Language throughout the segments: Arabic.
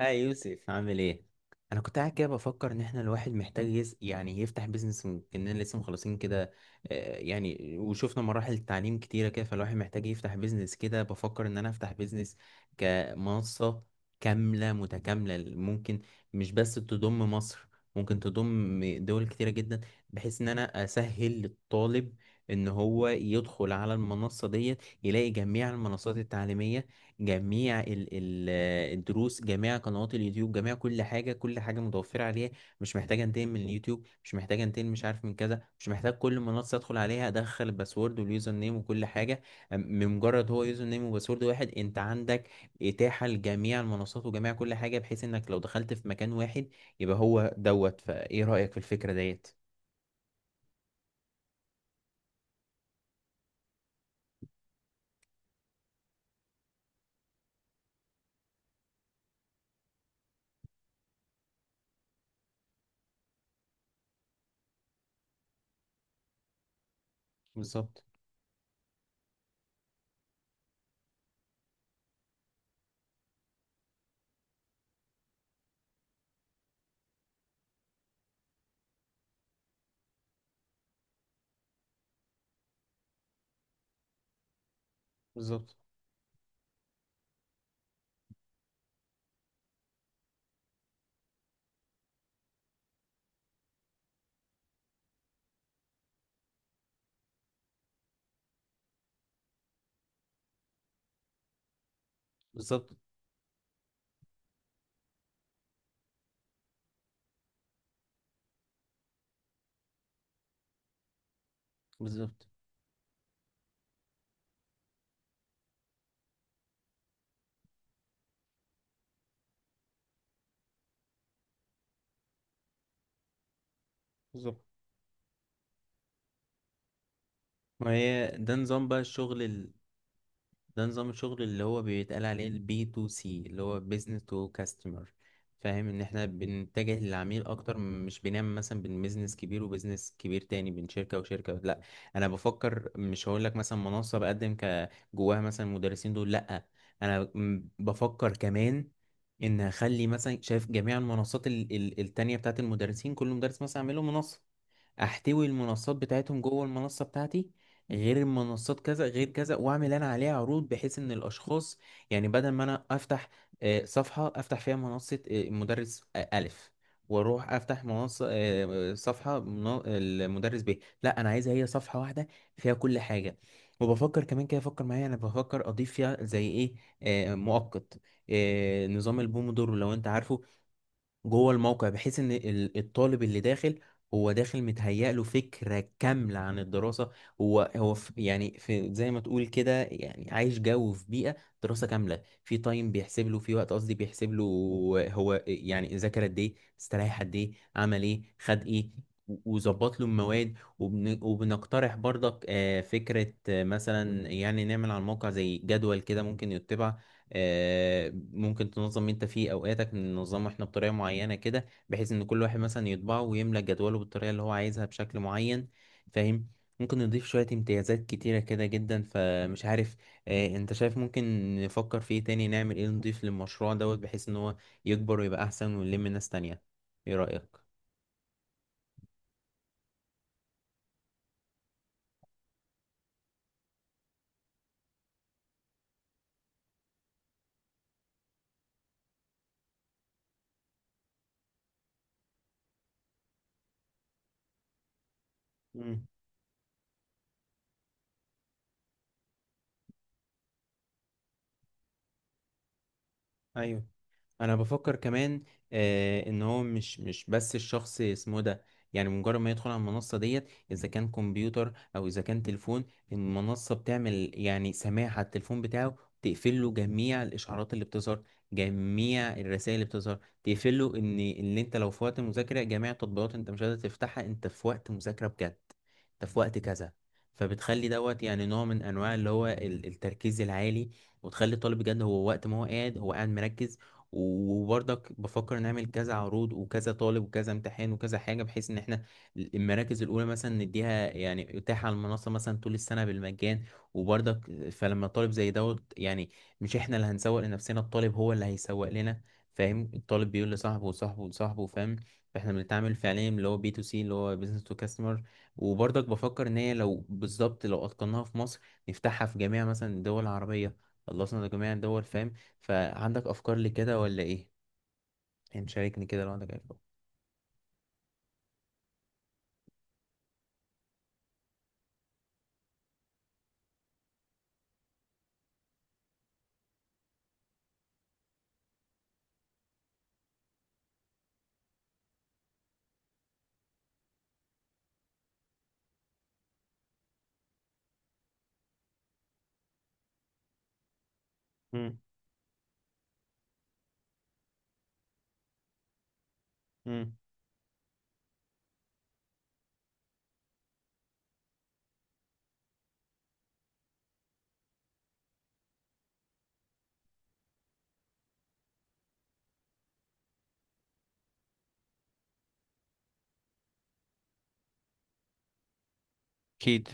اه، يوسف عامل ايه؟ انا كنت قاعد كده بفكر ان احنا الواحد محتاج يس... يعني يفتح بيزنس. كأننا لسه مخلصين كده. يعني وشفنا مراحل التعليم كتيره كده، فالواحد محتاج يفتح بيزنس. كده بفكر ان انا افتح بيزنس كمنصه كامله متكامله. ممكن مش بس تضم مصر، ممكن تضم دول كتيره جدا، بحيث ان انا اسهل للطالب ان هو يدخل على المنصه ديت، يلاقي جميع المنصات التعليميه، جميع ال ال الدروس جميع قنوات اليوتيوب، جميع كل حاجة، كل حاجة متوفرة عليها. مش محتاج انتقل من اليوتيوب، مش محتاج انتقل مش عارف من كذا، مش محتاج كل منصة ادخل عليها ادخل الباسورد واليوزر نيم وكل حاجة. بمجرد هو يوزر نيم وباسورد واحد، انت عندك اتاحة لجميع المنصات وجميع كل حاجة، بحيث انك لو دخلت في مكان واحد يبقى هو دوت. فايه رأيك في الفكرة ديت؟ بالظبط. بالظبط. بالظبط. بالظبط. بالظبط. ما هي ده نظام بقى الشغل. ده نظام الشغل اللي هو بيتقال عليه البي تو سي، اللي هو بيزنس تو كاستمر. فاهم ان احنا بنتجه للعميل اكتر، مش بنعمل مثلا بين بيزنس كبير وبيزنس كبير تاني، بين شركة وشركة، لا. انا بفكر مش هقول لك مثلا منصة بقدم ك جواها مثلا المدرسين دول، لا. انا بفكر كمان ان اخلي مثلا شايف جميع المنصات التانية بتاعت المدرسين، كل مدرس مثلا اعمله منصة، احتوي المنصات بتاعتهم جوه المنصة بتاعتي، غير المنصات كذا غير كذا، واعمل انا عليها عروض بحيث ان الاشخاص يعني بدل ما انا افتح صفحة افتح فيها منصة مدرس الف، واروح افتح منصة صفحة المدرس ب، لا انا عايزها هي صفحة واحدة فيها كل حاجة. وبفكر كمان كده، فكر معايا، انا بفكر اضيف فيها زي ايه؟ مؤقت، نظام البومودورو لو انت عارفه، جوه الموقع، بحيث ان الطالب اللي داخل هو داخل متهيأ له فكرة كاملة عن الدراسة، هو في زي ما تقول كده يعني عايش جو، في بيئة دراسة كاملة. في تايم بيحسب له، في وقت قصدي بيحسب له، هو يعني ذاكر قد ايه، استريح قد ايه، عمل ايه، خد ايه، وظبط له المواد. وبنقترح برضك فكرة مثلا، يعني نعمل على الموقع زي جدول كده ممكن يتبع. ممكن تنظم انت فيه اوقاتك، ننظمه احنا بطريقه معينه كده بحيث ان كل واحد مثلا يطبعه ويملى جدوله بالطريقه اللي هو عايزها بشكل معين. فاهم؟ ممكن نضيف شويه امتيازات كتيره كده جدا، فمش عارف انت شايف ممكن نفكر في ايه تاني، نعمل ايه، نضيف للمشروع دوت بحيث ان هو يكبر ويبقى احسن ونلم ناس تانية. ايه رايك؟ مم. ايوه، انا بفكر كمان ان هو مش بس الشخص اسمه ده. يعني مجرد ما يدخل على المنصة ديت، اذا كان كمبيوتر او اذا كان تليفون، المنصة بتعمل يعني سماع على التليفون بتاعه، تقفل له جميع الاشعارات اللي بتظهر، جميع الرسائل اللي بتظهر تقفل له، ان اللي انت لو في وقت مذاكرة جميع التطبيقات انت مش قادر تفتحها، انت في وقت مذاكرة بجد، انت في وقت كذا. فبتخلي دوت يعني نوع من انواع اللي هو التركيز العالي، وتخلي الطالب بجد، هو وقت ما هو قاعد مركز. وبرضك بفكر نعمل كذا عروض وكذا طالب وكذا امتحان وكذا حاجة، بحيث ان احنا المراكز الاولى مثلا نديها يعني اتاحة على المنصة مثلا طول السنة بالمجان. وبرضك فلما طالب زي دوت يعني، مش احنا اللي هنسوق لنفسنا، الطالب هو اللي هيسوق لنا. فاهم؟ الطالب بيقول لصاحبه وصاحبه وصاحبه، فاهم؟ فاحنا بنتعامل فعليا اللي هو بي تو سي، اللي هو بيزنس تو كاستمر. وبرضك بفكر ان هي لو بالظبط لو اتقناها في مصر، نفتحها في جميع مثلا الدول العربية، خلصنا جميع الدول، فاهم؟ فعندك افكار لكده ولا ايه؟ يعني شاركني كده لو عندك أي افكار. مم. مم. أكيد.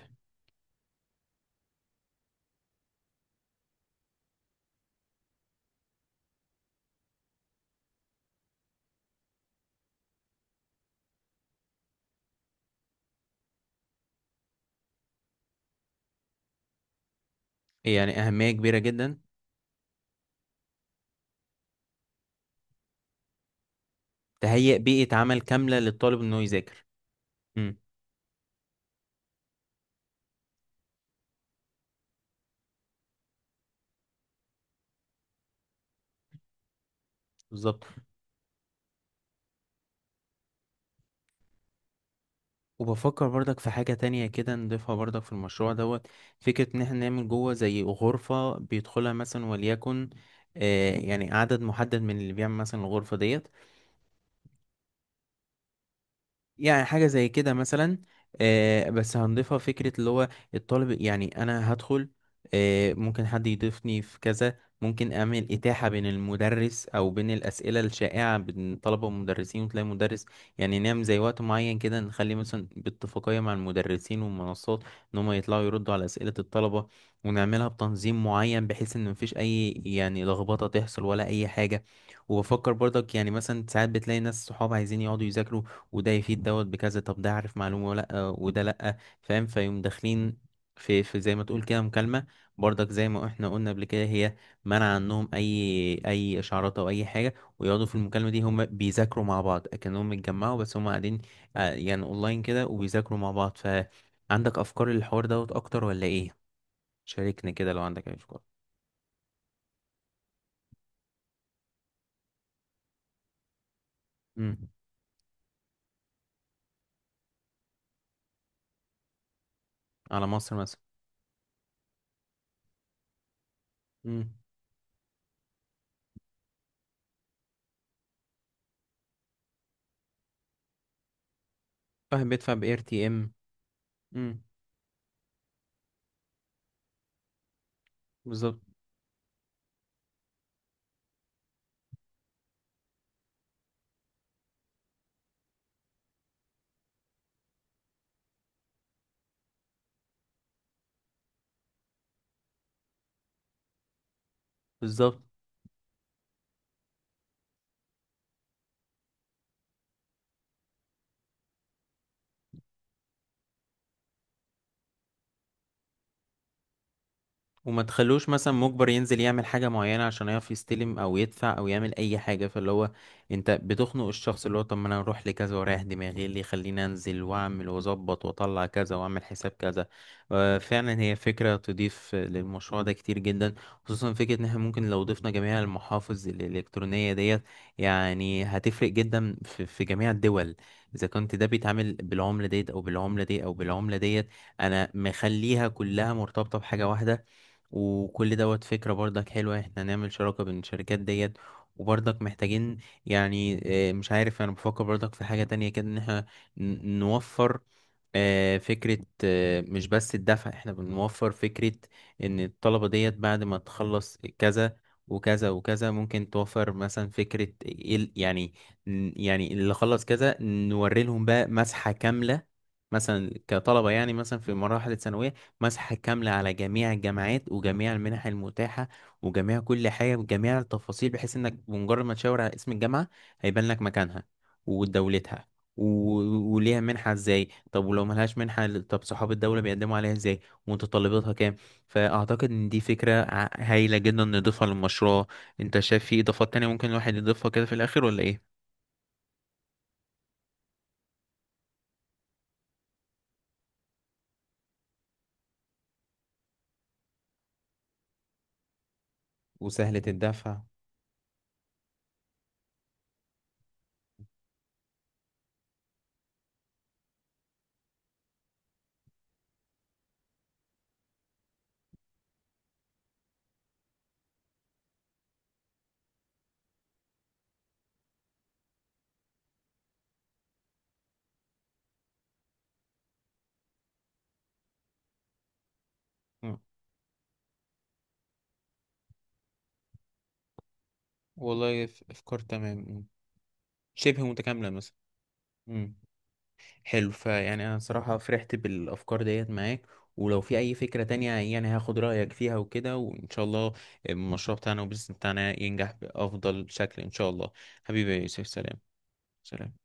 إيه يعني أهمية كبيرة جدا. تهيئ بيئة عمل كاملة للطالب إنه يذاكر. امم. بالظبط. وبفكر برضك في حاجة تانية كده نضيفها برضك في المشروع دوت. فكرة إن احنا نعمل جوه زي غرفة بيدخلها مثلا وليكن يعني عدد محدد من اللي بيعمل مثلا الغرفة ديت. يعني حاجة زي كده مثلا، بس هنضيفها فكرة اللي هو الطالب، يعني أنا هدخل، ممكن حد يضيفني في كذا، ممكن أعمل إتاحة بين المدرس أو بين الأسئلة الشائعة بين الطلبة والمدرسين وتلاقي مدرس. يعني نعمل زي وقت معين كده، نخلي مثلا باتفاقية مع المدرسين والمنصات إن هما يطلعوا يردوا على أسئلة الطلبة، ونعملها بتنظيم معين بحيث إن مفيش أي يعني لخبطة تحصل ولا أي حاجة. وبفكر برضك يعني مثلا ساعات بتلاقي ناس صحاب عايزين يقعدوا يذاكروا، وده يفيد دوت بكذا، طب ده عارف معلومة ولا لأ وده لأ، فاهم؟ فيقوم داخلين في زي ما تقول كده مكالمة. برضك زي ما احنا قلنا قبل كده، هي منع عنهم أي إشعارات أو أي حاجة، ويقعدوا في المكالمة دي هم بيذاكروا مع بعض كأنهم اتجمعوا بس هم قاعدين يعني أونلاين كده وبيذاكروا مع بعض. فعندك أفكار للحوار دوت أكتر ولا إيه؟ شاركني كده لو عندك أي أفكار. مم. على مصر مثلا. مم. واحد بيدفع ب RTM. مم. بالظبط. بالظبط. وما تخلوش مثلا مجبر ينزل يعمل حاجة معينة عشان يعرف يستلم أو يدفع أو يعمل أي حاجة، فاللي هو أنت بتخنق الشخص، اللي هو طب ما أنا أروح لكذا وأريح دماغي، إيه اللي يخليني أنزل وأعمل وأظبط وأطلع كذا وأعمل حساب كذا. فعلا هي فكرة تضيف للمشروع ده كتير جدا، خصوصا فكرة إن إحنا ممكن لو ضفنا جميع المحافظ الإلكترونية ديت، يعني هتفرق جدا في جميع الدول، إذا كنت ده بيتعامل بالعملة ديت أو بالعملة دي أو بالعملة ديت. أنا مخليها كلها مرتبطة بحاجة واحدة. وكل دوت فكرة برضك حلوة، احنا نعمل شراكة بين الشركات ديت. وبرضك محتاجين يعني مش عارف، انا بفكر برضك في حاجة تانية كده ان احنا نوفر فكرة. مش بس الدفع، احنا بنوفر فكرة ان الطلبة ديت بعد ما تخلص كذا وكذا وكذا، ممكن توفر مثلا فكرة اللي خلص كذا نوري لهم بقى مسحة كاملة، مثلا كطلبة يعني مثلا في مراحل الثانوية، مسحة كاملة على جميع الجامعات وجميع المنح المتاحة وجميع كل حاجة بجميع التفاصيل، بحيث انك بمجرد ما تشاور على اسم الجامعة هيبان لك مكانها ودولتها، وليها منحة ازاي، طب ولو ملهاش منحة طب صحاب الدولة بيقدموا عليها ازاي، ومتطلباتها كام. فأعتقد إن دي فكرة هايلة جدا نضيفها للمشروع. أنت شايف في إضافات تانية ممكن الواحد يضيفها كده في الآخر ولا إيه؟ وسهلة الدفع. مم. والله أفكار تمام. مم. شبه متكاملة مثلا. مم. حلو، فيعني انا صراحة فرحت بالافكار ديت معاك، ولو في اي فكرة تانية يعني هاخد رأيك فيها وكده، وان شاء الله المشروع بتاعنا والبيزنس بتاعنا ينجح بافضل شكل ان شاء الله. حبيبي يا يوسف، سلام. سلام.